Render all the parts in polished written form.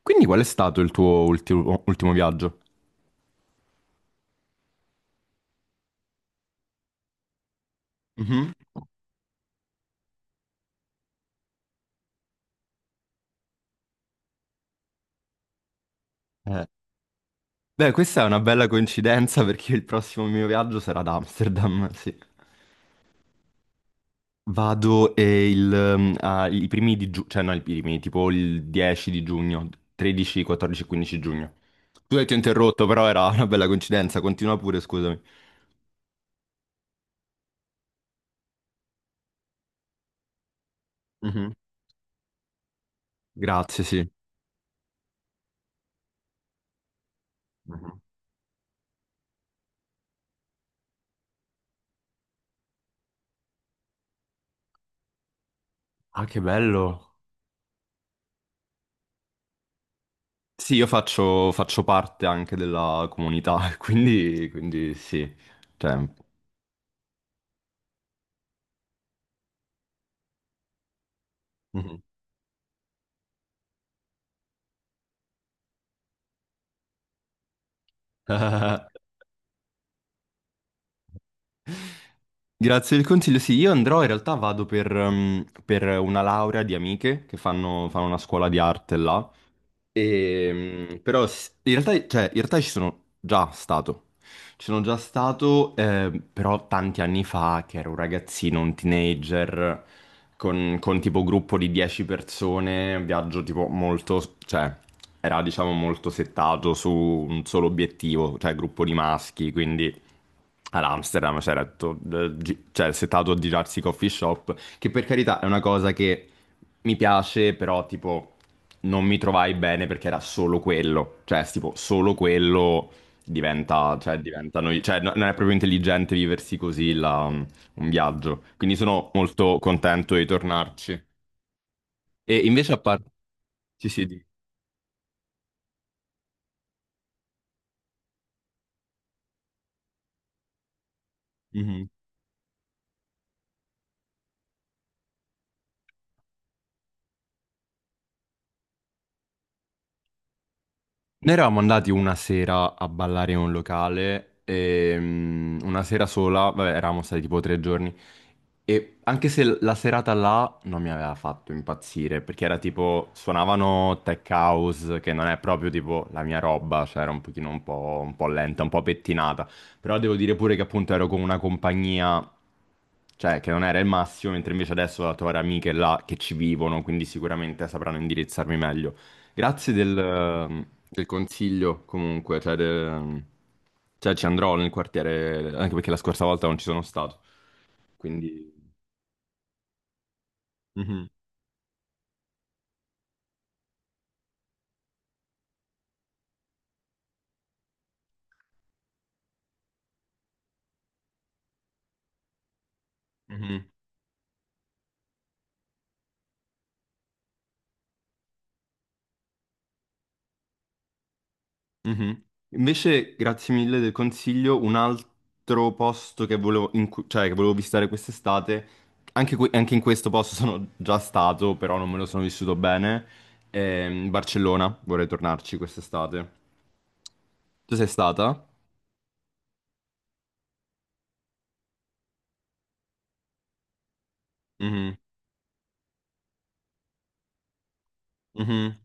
Quindi qual è stato il tuo ultimo viaggio? Mhm. Eh. Beh, questa è una bella coincidenza perché il prossimo mio viaggio sarà ad Amsterdam, sì. Vado il, i primi di giugno, cioè no, i primi, tipo il 10 di giugno, 13, 14, 15 giugno. Tu ti ho interrotto, però era una bella coincidenza, continua pure, scusami. Mhm. Grazie, sì. Mhm. Ah, che bello. Sì, io faccio parte anche della comunità, quindi, quindi sì. Cioè, Mhm. Grazie del consiglio. Sì, io andrò, in realtà vado per una laurea di amiche che fanno una scuola di arte là. Però in realtà, cioè, in realtà ci sono già stato. Ci sono già stato, però tanti anni fa, che ero un ragazzino, un teenager, con tipo gruppo di 10 persone, un viaggio tipo molto, cioè, era diciamo molto settato su un solo obiettivo, cioè gruppo di maschi, quindi ad Amsterdam c'era tutto, cioè, settato a girarsi i coffee shop, che per carità è una cosa che mi piace, però tipo non mi trovai bene perché era solo quello, cioè tipo solo quello diventa, cioè, cioè, non è proprio intelligente viversi così un viaggio, quindi sono molto contento di tornarci. E invece a parte... Sì, sì, di... Noi eravamo andati una sera a ballare in un locale, e, una sera sola, vabbè, eravamo stati tipo tre giorni, e anche se la serata là non mi aveva fatto impazzire, perché era tipo, suonavano tech house, che non è proprio tipo la mia roba, cioè era un pochino un po' lenta, un po' pettinata, però devo dire pure che appunto ero con una compagnia, cioè che non era il massimo, mentre invece adesso ho la tua amiche là che ci vivono, quindi sicuramente sapranno indirizzarmi meglio. Grazie del, del consiglio comunque, cioè, del- cioè, ci andrò nel quartiere, anche perché la scorsa volta non ci sono stato, quindi... Mhm, mhm, mhm. Invece, grazie mille del consiglio, un altro posto che volevo, in cui- cioè, che volevo visitare quest'estate, anche, anche in questo posto sono già stato, però non me lo sono vissuto bene, Barcellona, vorrei tornarci quest'estate. Tu sei stata? Mhm, mhm.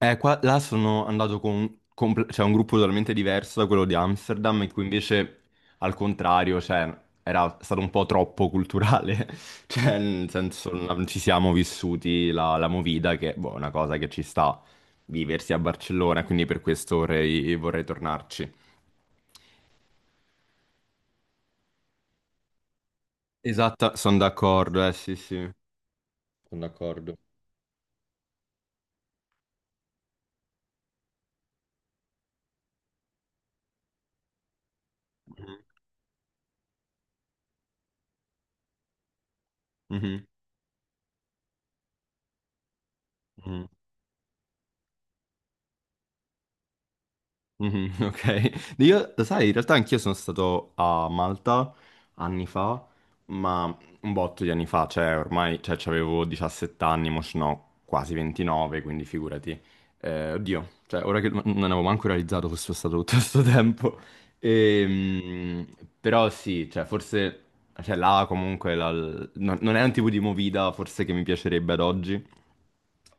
Qua, là sono andato con, cioè, un gruppo totalmente diverso da quello di Amsterdam, in cui invece, al contrario, cioè, era stato un po' troppo culturale, cioè, nel senso, non ci siamo vissuti la movida, che boh, è una cosa che ci sta viversi a Barcellona, quindi per questo vorrei tornarci. Esatto, sono d'accordo, sì, sì, sono d'accordo. Mhm, mhm, mhm. Mhm, ok, io, lo sai, in realtà anch'io sono stato a Malta anni fa, ma un botto di anni fa, cioè ormai, cioè avevo 17 anni, mo sono quasi 29, quindi figurati. Oddio, cioè ora che non avevo manco realizzato che fosse stato tutto questo tempo, Ehm, però sì, cioè forse cioè, là comunque la- non è un tipo di movida forse che mi piacerebbe ad oggi.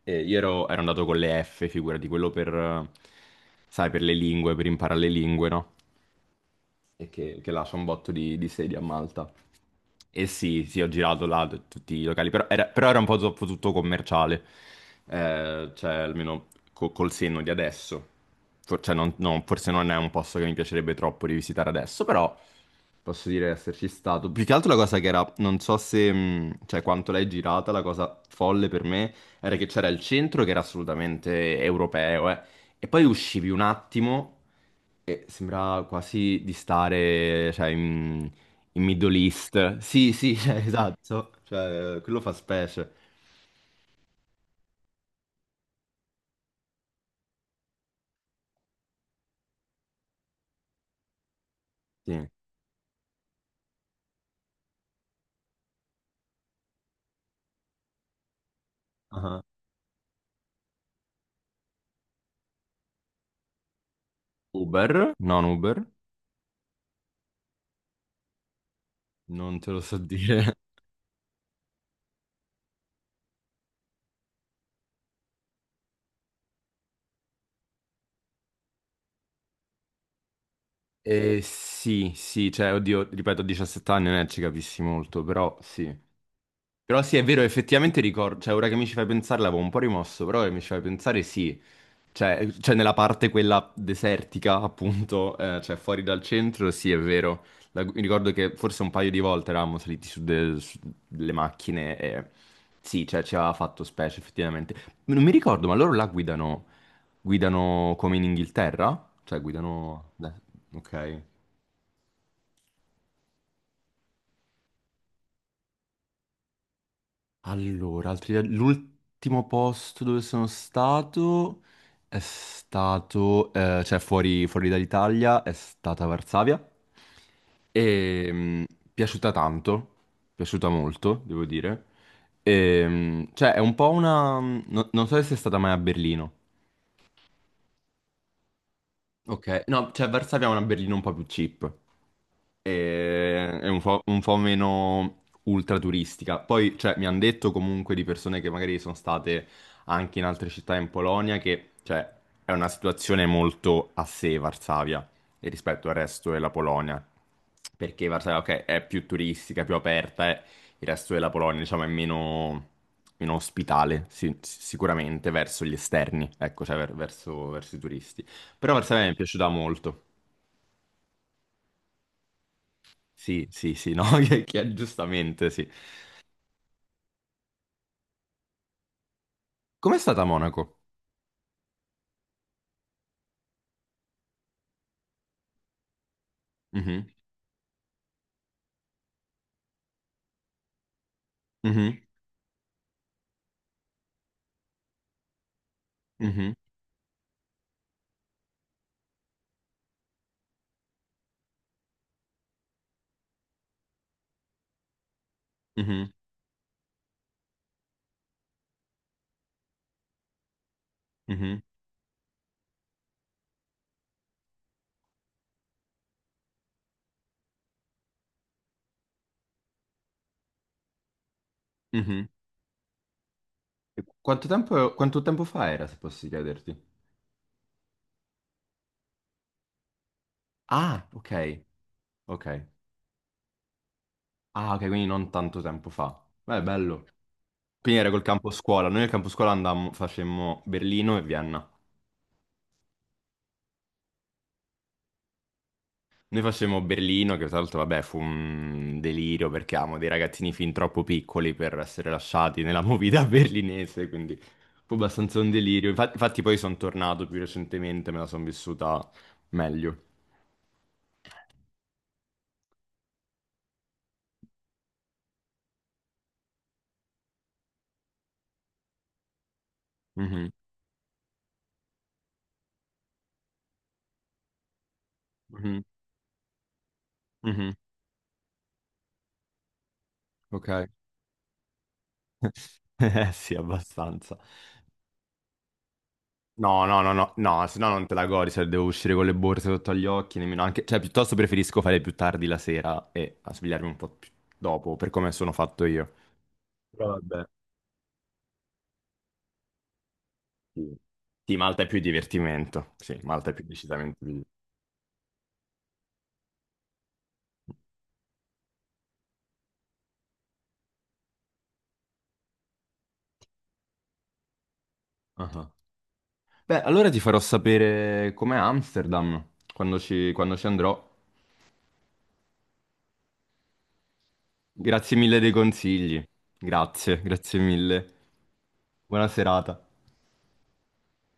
E ero andato con le F, figurati, quello per, sai, per le lingue, per imparare le lingue, no? E che lascia un botto di sedi a Malta. E sì, sì, ho girato là tutti i locali, però era un po' troppo tutto commerciale, eh, cioè almeno col senno di adesso. Cioè, forse non è un posto che mi piacerebbe troppo rivisitare adesso, però posso dire di esserci stato. Più che altro la cosa che era, non so se, cioè quanto l'hai girata, la cosa folle per me era che c'era il centro che era assolutamente europeo, eh. E poi uscivi un attimo e sembrava quasi di stare, cioè, in, in Middle East. Sì, sì, cioè, esatto. Cioè, quello fa specie. Sì. Ah. Uber? Non Uber? Non te lo so dire. Sì, sì, cioè, oddio, ripeto, a 17 anni non è che ci capissi molto, però sì. Però sì, è vero, effettivamente ricordo, cioè, ora che mi ci fai pensare l'avevo un po' rimosso, però ora che mi ci fai pensare sì. Cioè, nella parte quella desertica, appunto, cioè fuori dal centro, sì, è vero. La- mi ricordo che forse un paio di volte eravamo saliti su, su delle macchine e sì, cioè ci aveva fatto specie, effettivamente. Non mi ricordo, ma loro la guidano come in Inghilterra? Cioè, guidano... beh, ok. Allora, altri viaggi- l'ultimo posto dove sono stato è stato, cioè fuori dall'Italia, è stata Varsavia. E piaciuta tanto, piaciuta molto, devo dire. E, cioè, è un po' una... non so se è stata mai a Berlino. Ok, no, cioè Varsavia è una berlina un po' più cheap. È un po' meno ultra turistica. Poi, cioè, mi hanno detto comunque di persone che magari sono state anche in altre città in Polonia che, cioè, è una situazione molto a sé Varsavia e rispetto al resto della Polonia. Perché Varsavia, ok, è più turistica, più aperta, e il resto della Polonia, diciamo, è meno, meno ospitale, sì, sicuramente verso gli esterni, ecco, cioè verso verso i turisti. Però per sé mi è piaciuta molto. Sì, sì, sì, no, che- giustamente, sì. Com'è stata a Monaco? Mhm, mhm, mhm, mhm, mhm, mhm. E quanto tempo fa era, se posso chiederti? Ah, ok, ok. Ah, ok, quindi non tanto tempo fa. Beh, bello. Quindi era col campo scuola. Noi al campo scuola andammo, facemmo Berlino e Vienna. Noi facevamo Berlino, che tra l'altro, vabbè, fu un delirio perché avevamo dei ragazzini fin troppo piccoli per essere lasciati nella movida berlinese, quindi fu abbastanza un delirio. Infatti, poi sono tornato più recentemente, me la sono vissuta meglio. Mhm, mhm, mhm, Ok. Sì, abbastanza. No, no, no, no, no, se no non te la godi, se devo uscire con le borse sotto agli occhi, nemmeno anche... Cioè, piuttosto preferisco fare più tardi la sera e a svegliarmi un po' più dopo, per come sono fatto io. Però vabbè. Sì, Sì, Malta è più divertimento. Sì, Malta è più decisamente più... Ah. Beh, allora ti farò sapere com'è Amsterdam quando ci andrò. Grazie mille dei consigli. Grazie, grazie mille. Buona serata.